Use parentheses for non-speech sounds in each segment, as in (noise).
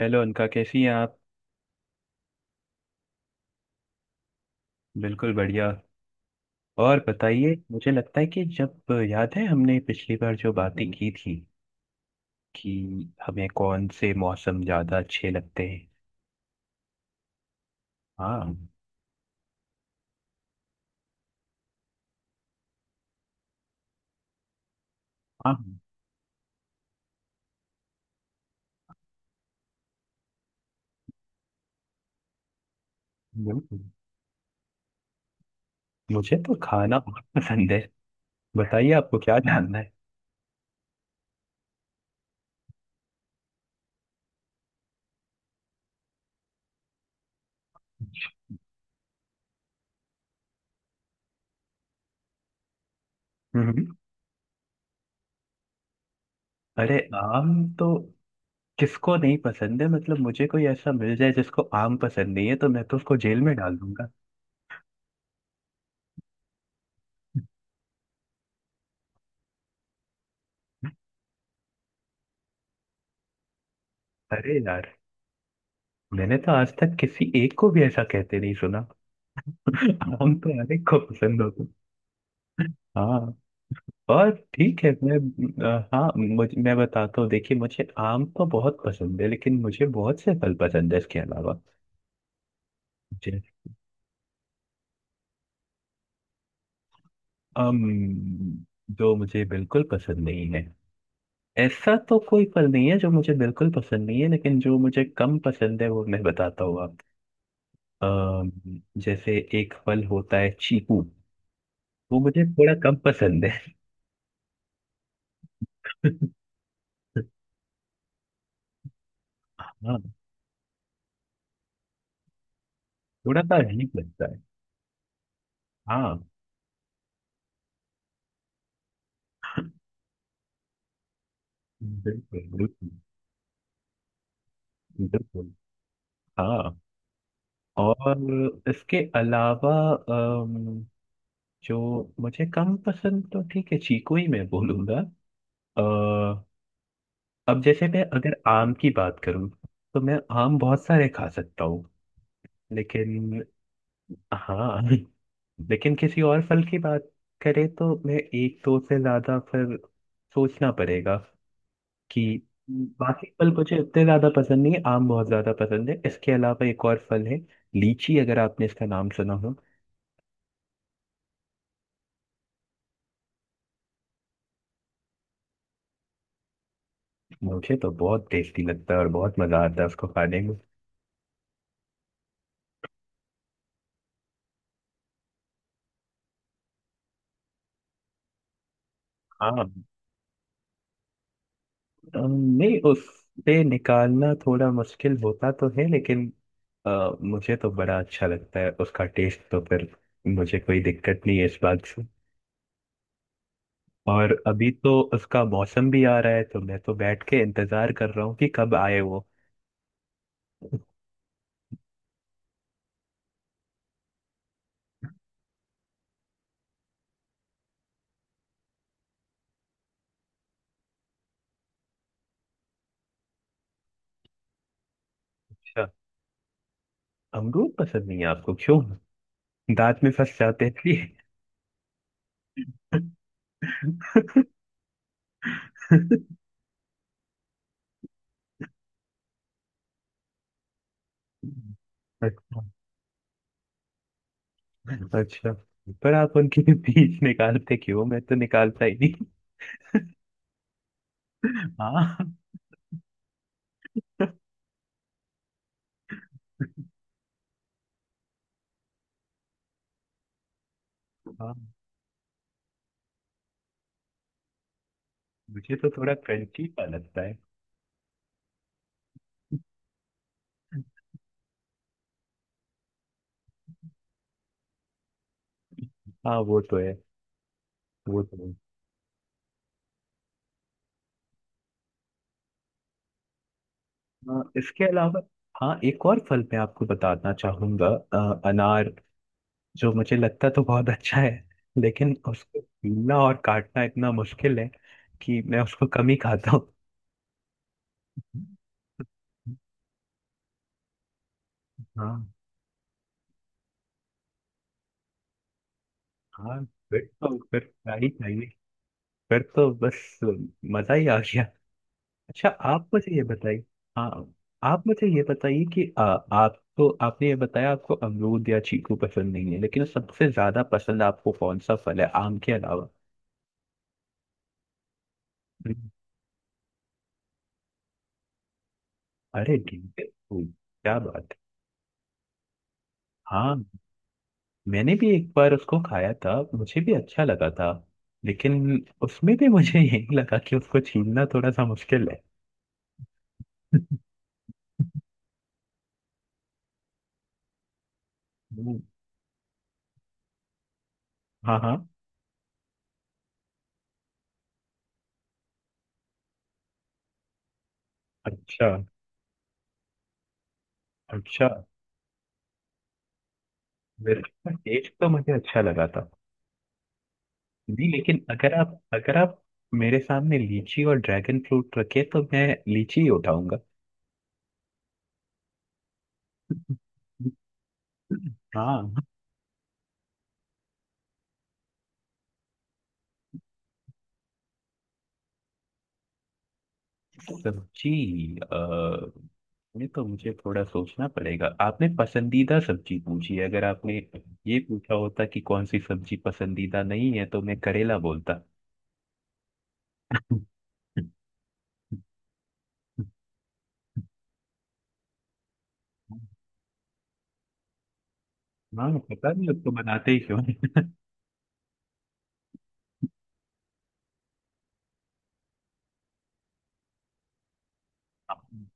Hello अनका, कैसी हैं आप? बिल्कुल बढ़िया। और बताइए, मुझे लगता है कि जब याद है हमने पिछली बार जो बातें की थी कि हमें कौन से मौसम ज़्यादा अच्छे लगते हैं। हाँ, हाँ बिल्कुल। मुझे तो खाना बहुत पसंद है। बताइए आपको क्या जानना है। हम्म, अरे आम तो किसको नहीं पसंद है? मतलब मुझे कोई ऐसा मिल जाए जिसको आम पसंद नहीं है तो मैं तो उसको जेल में डाल दूंगा। अरे यार, मैंने तो आज तक किसी एक को भी ऐसा कहते नहीं सुना। आम तो हर एक को पसंद होता है। हाँ। और ठीक है, मैं हाँ मैं बताता हूँ, देखिए मुझे आम तो बहुत पसंद है, लेकिन मुझे बहुत से फल पसंद है इसके अलावा। मुझे अम जो मुझे बिल्कुल पसंद नहीं है, ऐसा तो कोई फल नहीं है जो मुझे बिल्कुल पसंद नहीं है, लेकिन जो मुझे कम पसंद है वो मैं बताता हूँ आप। अम, जैसे एक फल होता है चीकू, वो मुझे थोड़ा कम पसंद है। (laughs) हाँ, थोड़ा सा अजीब लगता है। हाँ। बिल्कुल बिल्कुल। बिल्कुल। हाँ। और इसके अलावा जो मुझे कम पसंद, तो ठीक है, चीकू ही मैं बोलूंगा। अ, अब जैसे मैं अगर आम की बात करूं, तो मैं आम बहुत सारे खा सकता हूँ। लेकिन हाँ, (laughs) लेकिन किसी और फल की बात करें तो मैं एक दो से ज्यादा फिर सोचना पड़ेगा कि बाकी फल मुझे इतने ज्यादा पसंद नहीं है। आम बहुत ज्यादा पसंद है। इसके अलावा एक और फल है, लीची, अगर आपने इसका नाम सुना हो। मुझे तो बहुत टेस्टी लगता है और बहुत मजा आता है उसको खाने में। हाँ। अम, नहीं, उससे निकालना थोड़ा मुश्किल होता तो है, लेकिन मुझे तो बड़ा अच्छा लगता है उसका टेस्ट। तो फिर मुझे कोई दिक्कत नहीं है इस बात से। और अभी तो उसका मौसम भी आ रहा है, तो मैं तो बैठ के इंतजार कर रहा हूँ कि कब आए वो। अच्छा। अमरूद पसंद नहीं है आपको, क्यों? दांत में फंस जाते हैं इसलिए? अच्छा। अच्छा। पर आप उनके बीज निकालते क्यों मैं तो निकालता ही नहीं। हाँ। हाँ। मुझे तो थोड़ा क्रंची सा लगता है। हाँ, वो तो है। वो तो है। हाँ, इसके अलावा हाँ, एक और फल मैं आपको बताना चाहूंगा, अनार। जो मुझे लगता तो बहुत अच्छा है, लेकिन उसको पीलना और काटना इतना मुश्किल है कि मैं उसको कम ही खाता हूँ। हाँ। हाँ, फिर तो फिर क्या ही चाहिए। फिर तो बस मजा ही आ गया। अच्छा, आप मुझे ये बताइए, हाँ, आप मुझे ये बताइए कि आप तो, आपने ये बताया आपको अमरूद या चीकू पसंद नहीं है, लेकिन सबसे ज्यादा पसंद आपको कौन सा फल है आम के अलावा? हम्म, अरे ठीक है। ओ, क्या बात है। हाँ, मैंने भी एक बार उसको खाया था, मुझे भी अच्छा लगा था, लेकिन उसमें भी मुझे (laughs) यही लगा कि उसको छीलना थोड़ा सा मुश्किल है। (laughs) हम्म, हाँ हाँ। अच्छा। अच्छा। बिल्कुल, टेस्ट तो मुझे अच्छा लगा था। जी, लेकिन अगर आप, अगर आप मेरे सामने लीची और ड्रैगन फ्रूट रखे तो मैं लीची ही उठाऊंगा। हाँ। सब्जी, अ, ये तो मुझे थोड़ा सोचना पड़ेगा। आपने पसंदीदा सब्जी पूछी है, अगर आपने ये पूछा होता कि कौन सी सब्जी पसंदीदा नहीं है तो मैं करेला बोलता। हाँ, पता नहीं उसको बनाते ही क्यों (laughs) हैं।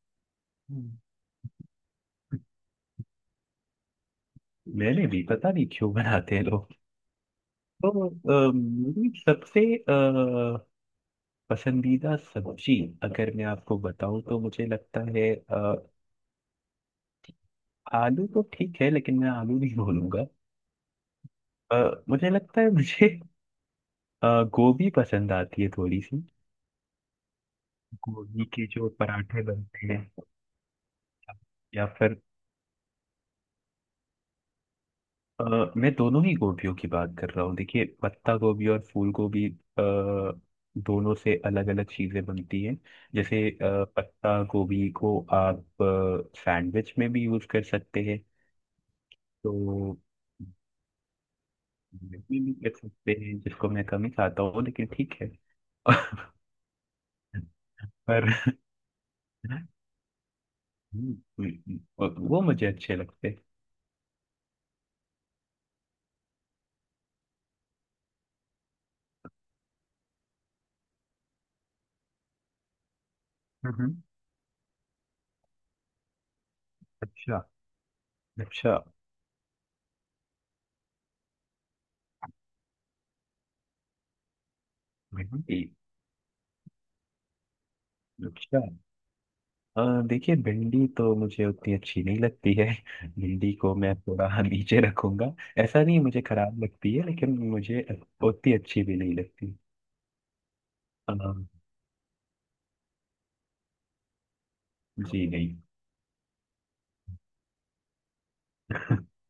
मैंने भी पता नहीं क्यों बनाते हैं लोग। तो मेरी सबसे पसंदीदा सब्जी, अगर मैं आपको बताऊं तो मुझे लगता है आलू तो ठीक है, लेकिन मैं आलू नहीं बोलूंगा। मुझे लगता है मुझे गोभी पसंद आती है थोड़ी सी। गोभी के जो पराठे बनते हैं, या फिर अ, मैं दोनों ही गोभियों की बात कर रहा हूँ। देखिए, पत्ता गोभी और फूल गोभी, दोनों से अलग अलग चीजें बनती हैं। जैसे पत्ता गोभी को आप सैंडविच में भी यूज कर सकते हैं। तो सैंडविच में भी कर सकते हैं, जिसको मैं कम ही खाता हूँ लेकिन ठीक है। (laughs) पर वो मुझे अच्छे लगते हैं। हम्म, अच्छा। अच्छा। हम्म, अच्छा। अ, देखिए भिंडी तो मुझे उतनी अच्छी नहीं लगती है। (laughs) भिंडी को मैं थोड़ा (laughs) नीचे रखूंगा। ऐसा नहीं मुझे खराब लगती है, लेकिन मुझे उतनी अच्छी भी नहीं लगती। अ, जी नहीं। (laughs)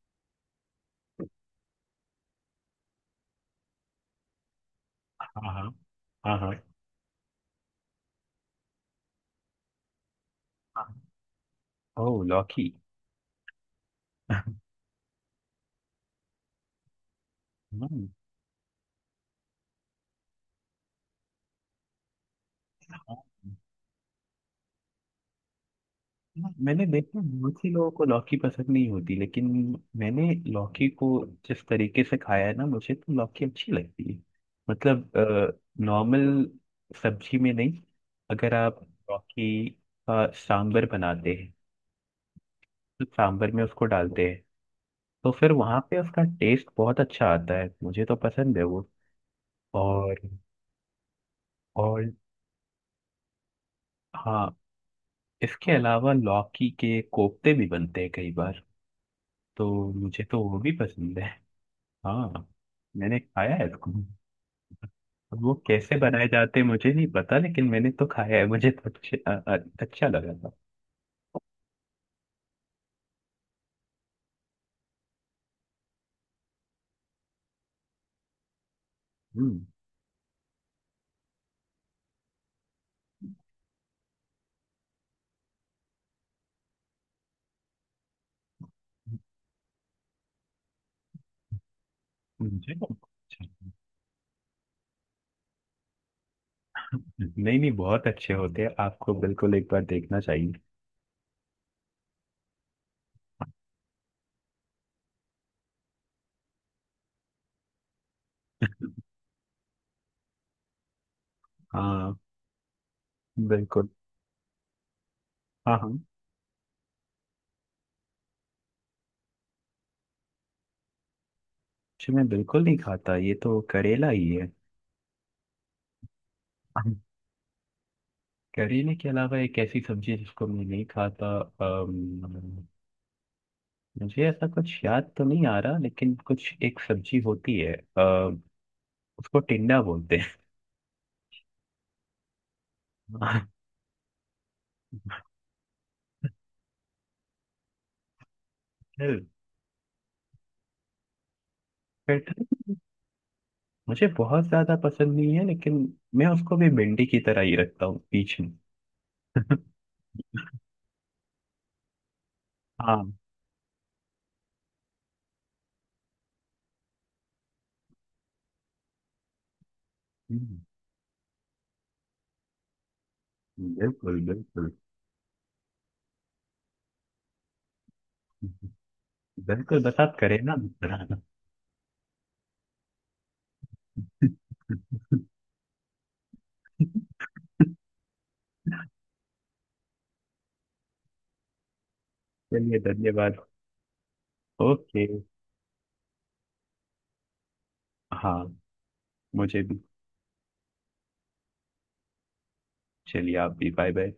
हाँ हाँ। हाँ हाँ। ओह, लौकी। (laughs) हम्म, हाँ, हाँ, मैंने देखा है, बहुत ही लोगों को लौकी पसंद नहीं होती, लेकिन मैंने लौकी को जिस तरीके से खाया है ना, मुझे तो लौकी अच्छी लगती है। मतलब नॉर्मल सब्जी में नहीं। अगर आप लौकी का सांबर बनाते हैं, तो सांबर में उसको डालते हैं, तो फिर वहाँ पे उसका टेस्ट बहुत अच्छा आता है। मुझे तो पसंद है वो। और और हाँ, इसके अलावा लौकी के कोफ्ते भी बनते हैं कई बार। तो मुझे तो वो भी पसंद है। हाँ, मैंने खाया है इसको। अब वो कैसे बनाए जाते हैं, मुझे नहीं पता, लेकिन मैंने तो खाया है, मुझे तो अच्छे, अच्छा लगा था। हम्म। मुझे तो नहीं नहीं, बहुत अच्छे होते हैं, आपको बिल्कुल एक बार देखना चाहिए। हाँ, बिल्कुल। हाँ हाँ। जी, मैं बिल्कुल नहीं खाता, ये तो करेला ही है। करेले के अलावा एक ऐसी सब्जी जिसको मैं नहीं खाता, मुझे ऐसा कुछ याद तो नहीं आ रहा, लेकिन कुछ एक सब्जी होती है, उसको टिंडा बोलते। फिर फिर मुझे बहुत ज्यादा पसंद नहीं है, लेकिन मैं उसको भी भिंडी की तरह ही रखता हूँ बीच में। हाँ। हम्म, बिल्कुल बिल्कुल। बिल्कुल, बस आप करें ना। (laughs) चलिए, धन्यवाद। ओके। हाँ, मुझे भी। चलिए, आप भी, बाय बाय।